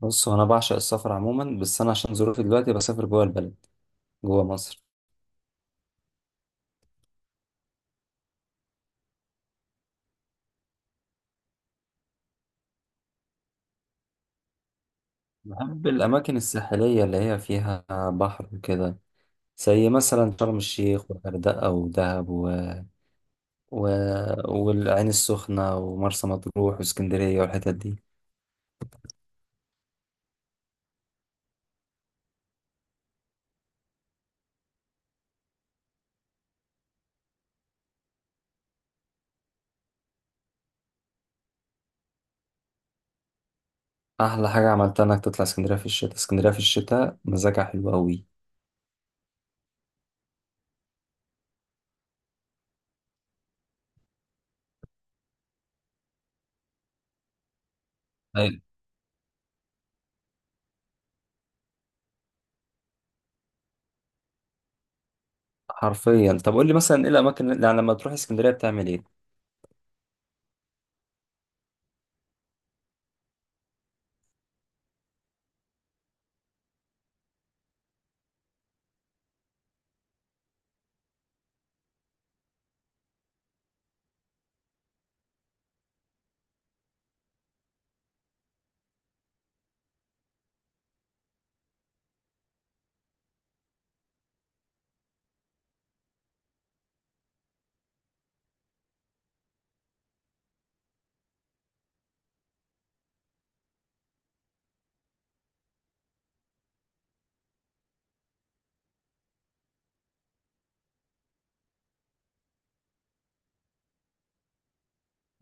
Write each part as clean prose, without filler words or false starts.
بص، هو انا بعشق السفر عموما. بس انا عشان ظروفي دلوقتي بسافر جوه البلد، جوه مصر. بحب الاماكن الساحليه اللي هي فيها بحر وكده، زي مثلا شرم الشيخ والغردقه ودهب و... والعين السخنه ومرسى مطروح واسكندريه والحتت دي. احلى حاجه عملتها انك تطلع اسكندريه في الشتاء. اسكندريه في الشتاء مزاجها حلو قوي. أيوة. حرفيا، طب قول لي مثلا ايه الاماكن يعني لما تروح اسكندريه بتعمل ايه؟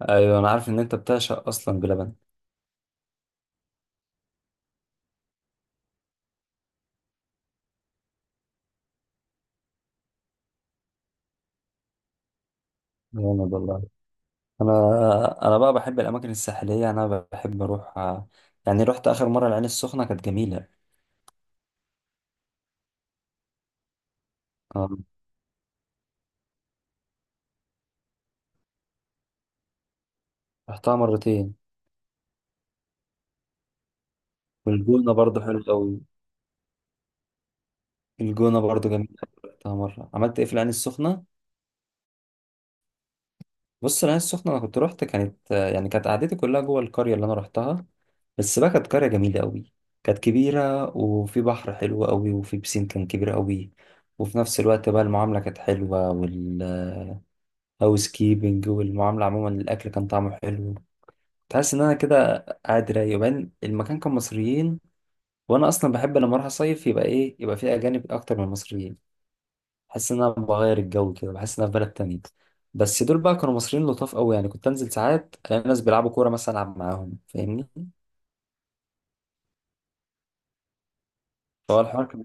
ايوه، انا عارف ان انت بتعشق اصلا بلبن. جامد والله. انا بقى بحب الاماكن الساحليه. انا بحب اروح، يعني رحت اخر مره العين السخنه كانت جميله. آه، رحتها مرتين. والجونه برضو حلو قوي. الجونه برضو جميله. رحتها مره. عملت ايه في العين السخنه؟ بص، العين السخنه انا كنت رحت، كانت يعني كانت قعدتي كلها جوه القريه اللي انا رحتها. بس بقى كانت قريه جميله قوي. كانت كبيره وفي بحر حلو قوي وفي بسين كان كبير قوي. وفي نفس الوقت بقى المعامله كانت حلوه، والهاوس كيبنج والمعامله عموما، الاكل كان طعمه حلو. تحس ان انا كده قاعد رايق. وبعدين المكان كان مصريين، وانا اصلا بحب لما اروح اصيف يبقى ايه، يبقى فيه اجانب اكتر من المصريين. بحس ان انا بغير الجو كده، بحس ان انا في بلد تانية. بس دول بقى كانوا مصريين لطاف قوي، يعني كنت انزل ساعات الاقي ناس بيلعبوا كوره مثلا، العب معاهم، فاهمني؟ فهو الحوار كان...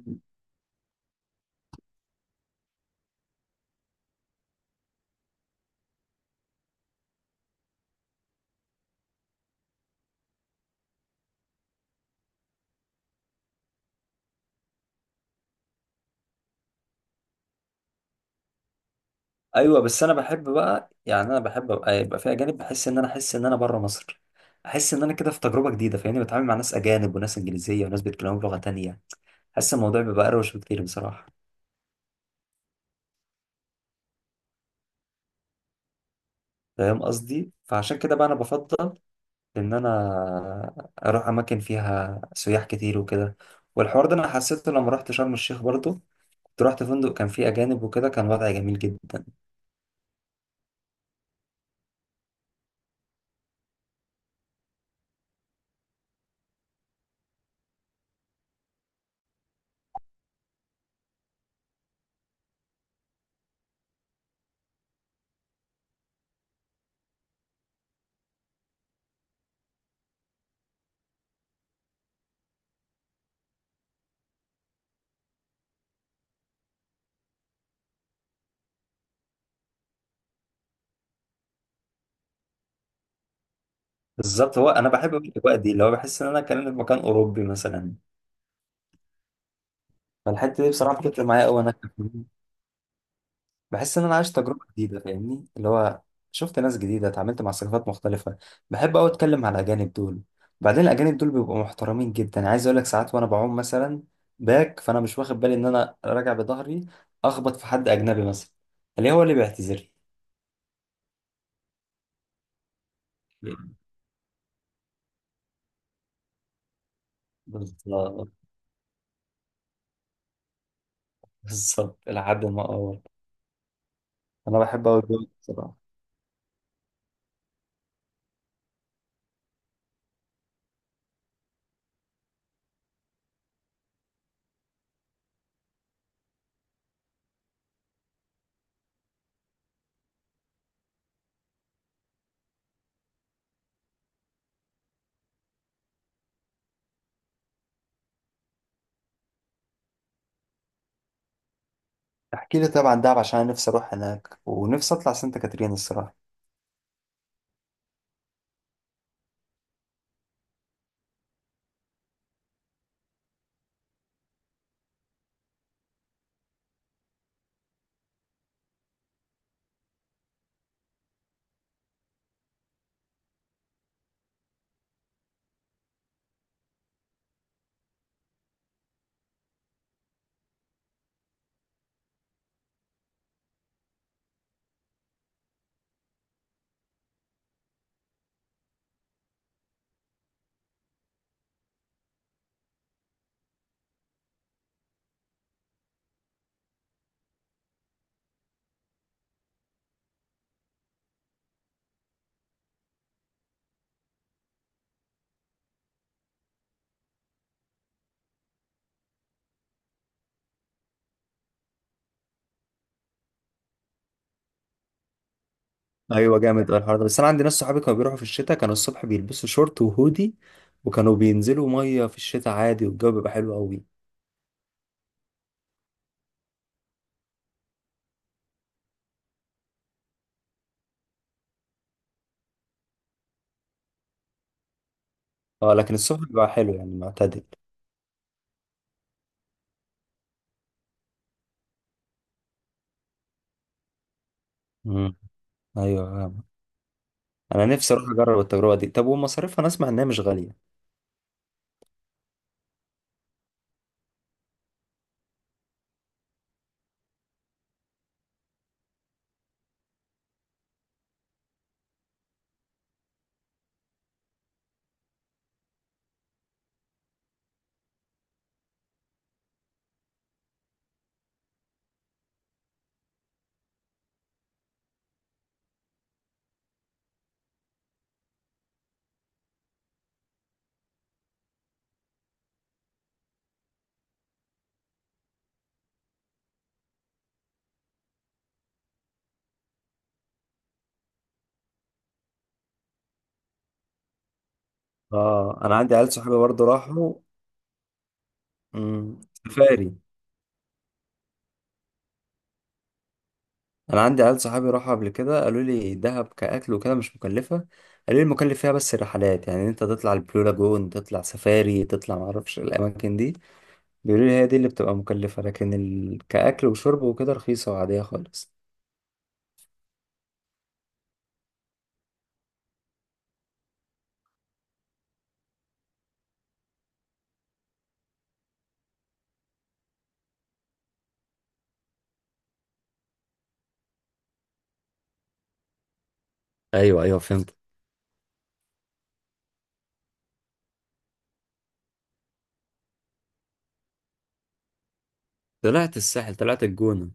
ايوه، بس انا بحب بقى، يعني انا بحب ابقى يبقى في اجانب. بحس ان انا احس ان انا بره مصر. احس ان انا كده في تجربه جديده، فاهمني؟ بتعامل مع ناس اجانب وناس انجليزيه وناس بيتكلموا بلغه تانية. حاسس الموضوع بيبقى اروش بكتير بصراحه. فاهم قصدي؟ فعشان كده بقى انا بفضل ان انا اروح اماكن فيها سياح كتير وكده. والحوار ده انا حسيته لما رحت شرم الشيخ برضو. كنت رحت فندق كان فيه اجانب وكده، كان وضع جميل جدا. بالظبط. هو انا بحب الاجواء دي، اللي هو بحس ان انا كان في مكان اوروبي مثلا. فالحته دي بصراحه بتفرق معايا قوي. انا بحس ان انا عايش تجربه جديده، فاهمني؟ اللي هو شفت ناس جديده، اتعاملت مع ثقافات مختلفه. بحب قوي اتكلم مع الاجانب دول. بعدين الاجانب دول بيبقوا محترمين جدا، يعني عايز اقول لك ساعات وانا بعوم مثلا باك، فانا مش واخد بالي ان انا راجع بظهري، اخبط في حد اجنبي مثلا، اللي هو اللي بيعتذر لي. بالظبط. بالظبط لحد ما اه انا بحب قوي الجو ده بصراحه. احكي لي طبعا دهب، عشان انا نفسي اروح هناك، ونفسي اطلع سانتا كاترين الصراحه. ايوه، جامد أوي الحوار ده. بس انا عندي ناس صحابي كانوا بيروحوا في الشتاء، كانوا الصبح بيلبسوا شورت وهودي، وكانوا بينزلوا ميه في الشتاء عادي والجو بيبقى حلو قوي. اه، لكن الصبح بيبقى حلو يعني معتدل. امم. ايوه، فاهم. انا نفسي اروح اجرب التجربه دي. طب ومصاريفها؟ انا اسمع انها مش غاليه. اه، انا عندي عيال صحابي برضه راحوا. امم سفاري. انا عندي عيال صحابي راحوا قبل كده، قالوا لي دهب كاكل وكده مش مكلفه. قالوا لي المكلف فيها بس الرحلات، يعني انت تطلع البلو لاجون، تطلع سفاري، تطلع معرفش الاماكن دي. بيقولوا لي هي دي اللي بتبقى مكلفة، لكن كأكل وشرب وكده رخيصة وعادية خالص. ايوه ايوه، فهمت. طلعت الساحل، طلعت الجونة.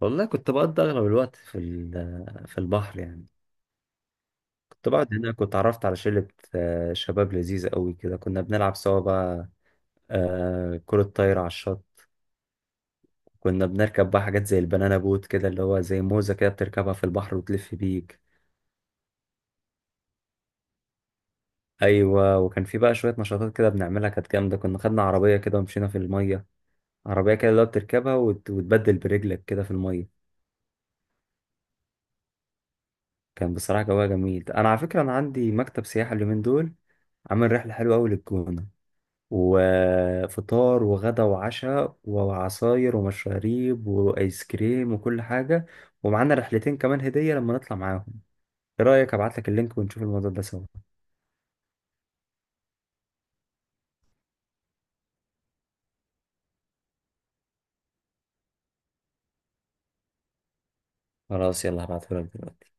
والله كنت بقضي اغلب الوقت في البحر يعني. كنت بقعد هناك واتعرفت على شلة، شباب لذيذة قوي كده. كنا بنلعب سوا بقى كرة طايرة على الشط. كنا بنركب بقى حاجات زي البنانا بوت كده، اللي هو زي موزة كده بتركبها في البحر وتلف بيك. ايوه، وكان في بقى شوية نشاطات كده بنعملها كانت جامدة. كنا خدنا عربية كده ومشينا في المية. عربية كده اللي هو بتركبها وتبدل برجلك كده في المية. كان بصراحة جواها جميل. أنا على فكرة أنا عندي مكتب سياحة اليومين دول، عامل رحلة حلوة أوي للجونة، وفطار وغدا وعشاء وعصاير ومشاريب وآيس كريم وكل حاجة، ومعانا رحلتين كمان هدية لما نطلع معاهم. إيه رأيك أبعتلك اللينك ونشوف الموضوع ده سوا؟ خلاص، يلا هبعتهولك دلوقتي.